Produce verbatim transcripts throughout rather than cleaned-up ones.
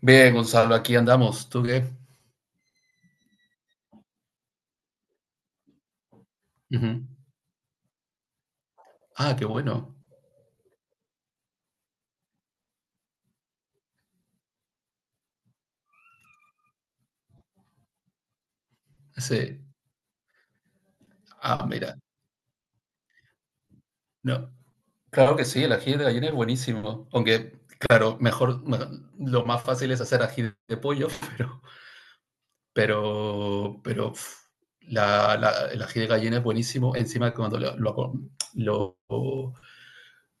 Bien, Gonzalo, aquí andamos. ¿Tú qué? Ujú. Ah, qué bueno. Ese. Ah, mira. No. Claro que sí, el ají de gallina es buenísimo. Aunque, claro, mejor, me- lo más fácil es hacer ají de pollo, pero, pero, pero uf, la- la- el ají de gallina es buenísimo. Encima cuando lo, lo, acom- lo-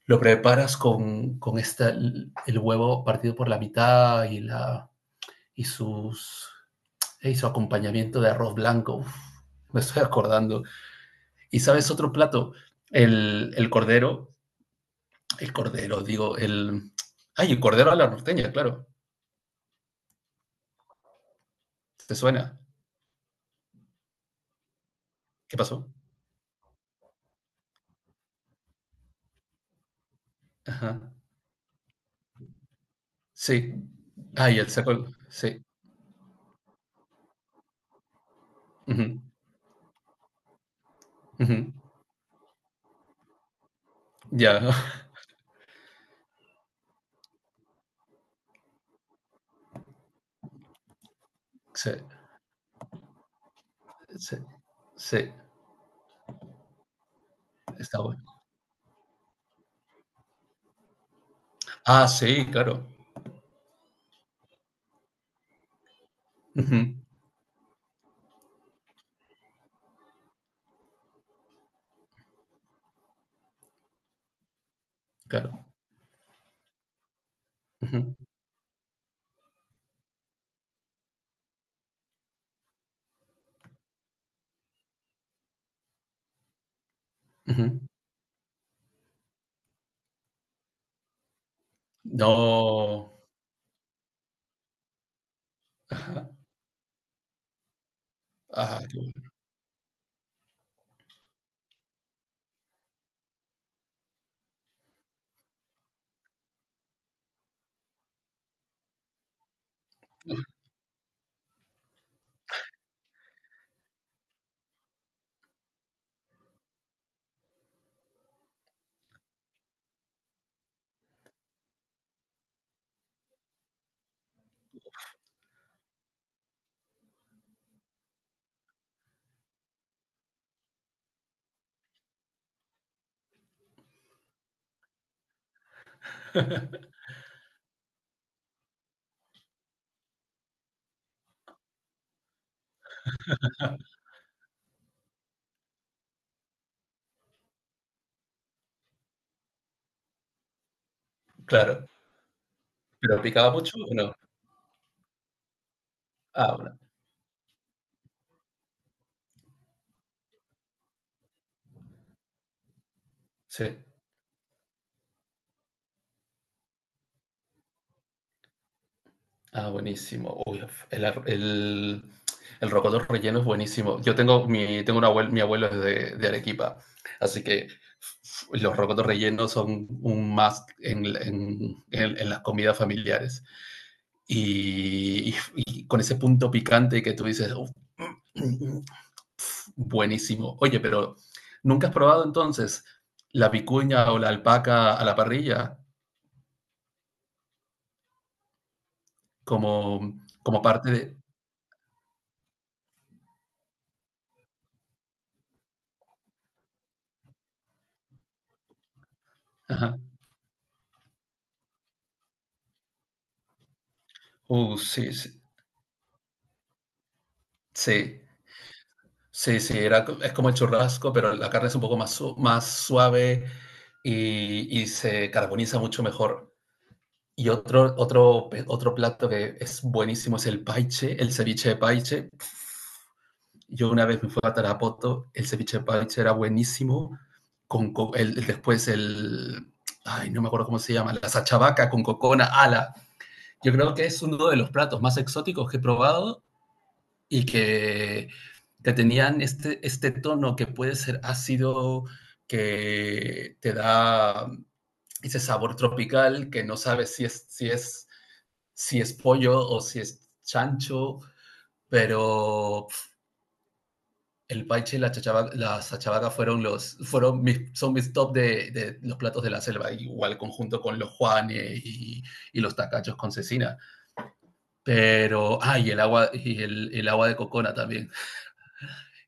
lo preparas con, con esta, el huevo partido por la mitad y la y sus y su acompañamiento de arroz blanco. Uf, me estoy acordando. Y sabes, otro plato, el, el cordero, el cordero, digo, el... Ay, el cordero a la norteña, claro. ¿Te suena? ¿Qué pasó? Ajá. Sí. Ay, el saco, sí. Ujú, ujú. Ya, sí, sí, sí, está bueno. Ah, sí, claro. Ujú, claro. Ujú, ujú. No. Ajá. Ah, qué bueno. Claro. ¿Pero picaba mucho o no? Ah, bueno. Sí. Ah, buenísimo. Uy, el, ar- el, el rocoto relleno es buenísimo. Yo tengo mi, tengo un abuelo, mi abuelo es de, de Arequipa, así que los rocotos rellenos son un más en, en- en- en las comidas familiares. Y, y con ese punto picante que tú dices, "Uf, buenísimo. Oye, pero ¿nunca has probado entonces la vicuña o la alpaca a la parrilla como, como parte de... Ajá. Uh, sí, sí. Sí. Sí, sí, era, co- es como el churrasco, pero la carne es un poco más, su- más suave y, y se carboniza mucho mejor. Y otro, otro, pe- otro plato que es buenísimo es el paiche, el ceviche de paiche. Yo una vez me fui a Tarapoto, el ceviche de paiche era buenísimo, con co- el, el- después el, ay, no me acuerdo cómo se llama, la sachabaca con cocona, ala. Yo creo que es uno de los platos más exóticos que he probado y que, que tenían este, este tono que puede ser ácido, que te da ese sabor tropical, que no sabes si es, si es, si es pollo o si es chancho, pero el paiche y la, chachabaca- la sachabaca fueron los, fueron mis, son mis top de, de los platos de la selva, igual conjunto con los juanes y, y los tacachos con cecina. Pero, ah, y el agua, y el, el agua de cocona también.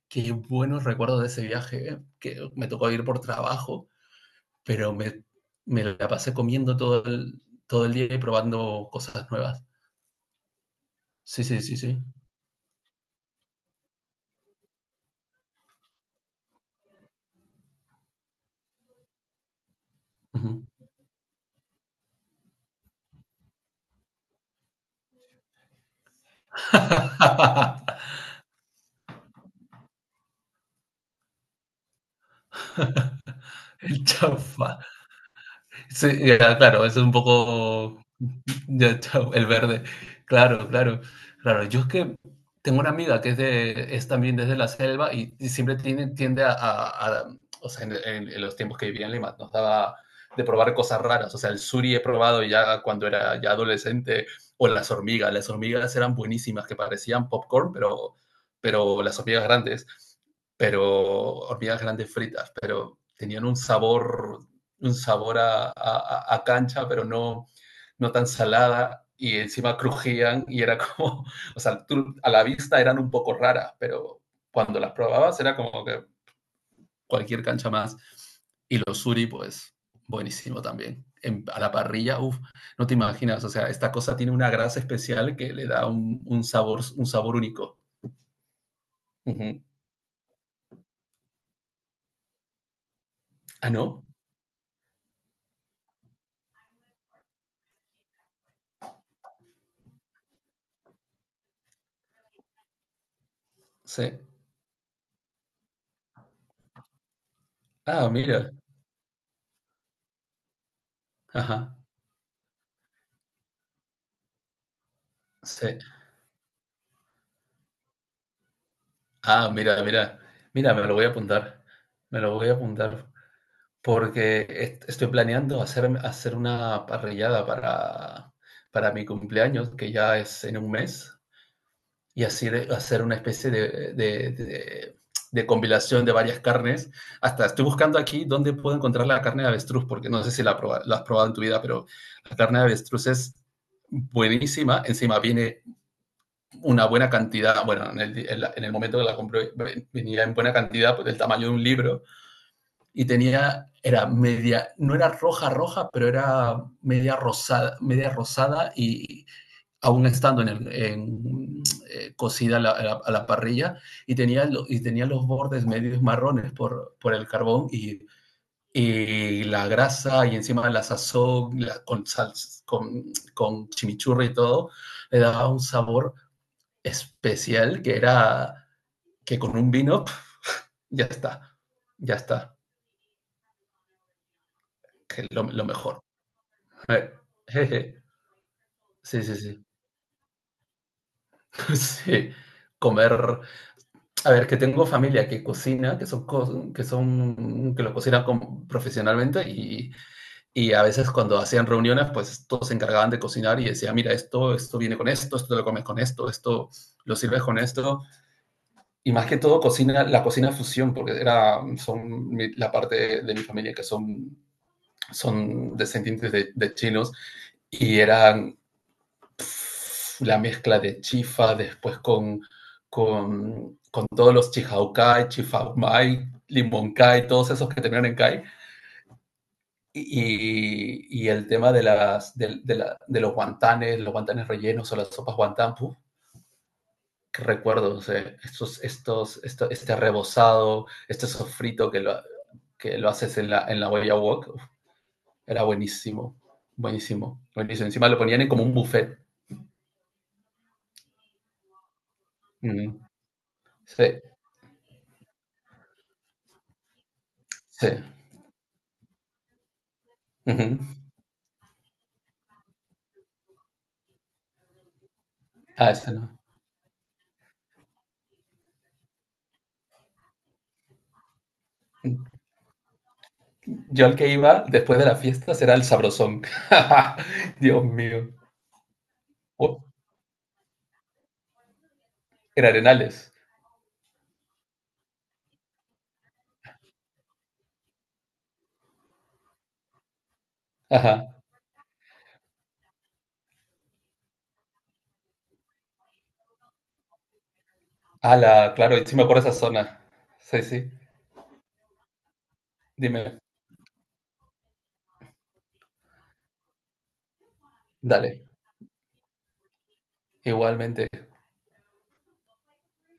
Qué buenos recuerdos de ese viaje, ¿eh? Que me tocó ir por trabajo, pero me, me la pasé comiendo todo el, todo el día y probando cosas nuevas. Sí, sí, sí, sí. Ujú. El chafa. Sí, ya, claro, eso es un poco. Ya, chao, el verde. Claro, claro, claro. Yo es que tengo una amiga que es, de, es también desde la selva y, y siempre tiene, tiende a, a- a- o sea, en, en- en los tiempos que vivía en Lima, nos daba de probar cosas raras. O sea, el suri he probado ya cuando era ya adolescente, o las hormigas. Las hormigas eran buenísimas, que parecían popcorn, pero, pero las hormigas grandes, pero hormigas grandes fritas, pero tenían un sabor un sabor a, a, a cancha, pero no, no tan salada y encima crujían y era como, o sea, tú, a la vista eran un poco raras, pero cuando las probabas era como que cualquier cancha más. Y los suri, pues, buenísimo también. En, a la parrilla, uff, no te imaginas, o sea, esta cosa tiene una grasa especial que le da un, un sabor, un sabor único. Uh -huh. Ah, no, sí. Ah, mira, ajá, sí. Ah, mira, mira, mira, me lo voy a apuntar, me lo voy a apuntar, porque est- estoy planeando hacer, hacer una parrillada para, para mi cumpleaños, que ya es en un mes, y así de- hacer una especie de, de- de- de compilación de varias carnes. Hasta estoy buscando aquí dónde puedo encontrar la carne de avestruz, porque no sé si la, proba- la has probado en tu vida, pero la carne de avestruz es buenísima, encima viene una buena cantidad, bueno, en el, en la- en el momento que la compré venía en buena cantidad, pues del tamaño de un libro, y tenía, era media, no era roja roja, pero era media rosada, media rosada y aún estando en el- en, eh, cocida a la, a la- parrilla, y tenía, lo- y tenía los bordes medios marrones por, por el carbón y, y la grasa y encima la sazón la- con, sal, con, con chimichurri y todo, le daba un sabor especial que era que con un vino pf, ya está, ya está, que es lo, lo mejor. Eh, jeje. Sí, sí, sí. Sí. Comer. A ver, que tengo familia que cocina, que son, co- que son, que lo cocina con- profesionalmente y, y a veces cuando hacían reuniones, pues todos se encargaban de cocinar y decía mira, esto, esto viene con esto, esto te lo comes con esto, esto lo sirves con esto. Y más que todo, cocina, la cocina fusión, porque era, son mi- la parte de mi familia que son son descendientes de, de chinos y eran pff, la mezcla de chifa después con, con, con todos los chihaukai, chifaumai, limonkai, todos esos que terminan en kai. Y, y, el tema de, las, de, de, la, de, los guantanes, los guantanes rellenos o las sopas guantán, puf, que recuerdo, o estos, estos, esto, este rebozado, este sofrito que lo, que lo haces en la, en la Huella wok. Era buenísimo, buenísimo, buenísimo. Encima lo ponían en como un buffet. Mm, sí, sí. Ujú. Ah, ese no. Yo al que iba después de las fiestas era el sabrosón. Dios mío. Oh, era Arenales. Ajá. Ala, claro, y sí me acuerdo esa zona. Sí, sí. Dime. Dale. Igualmente.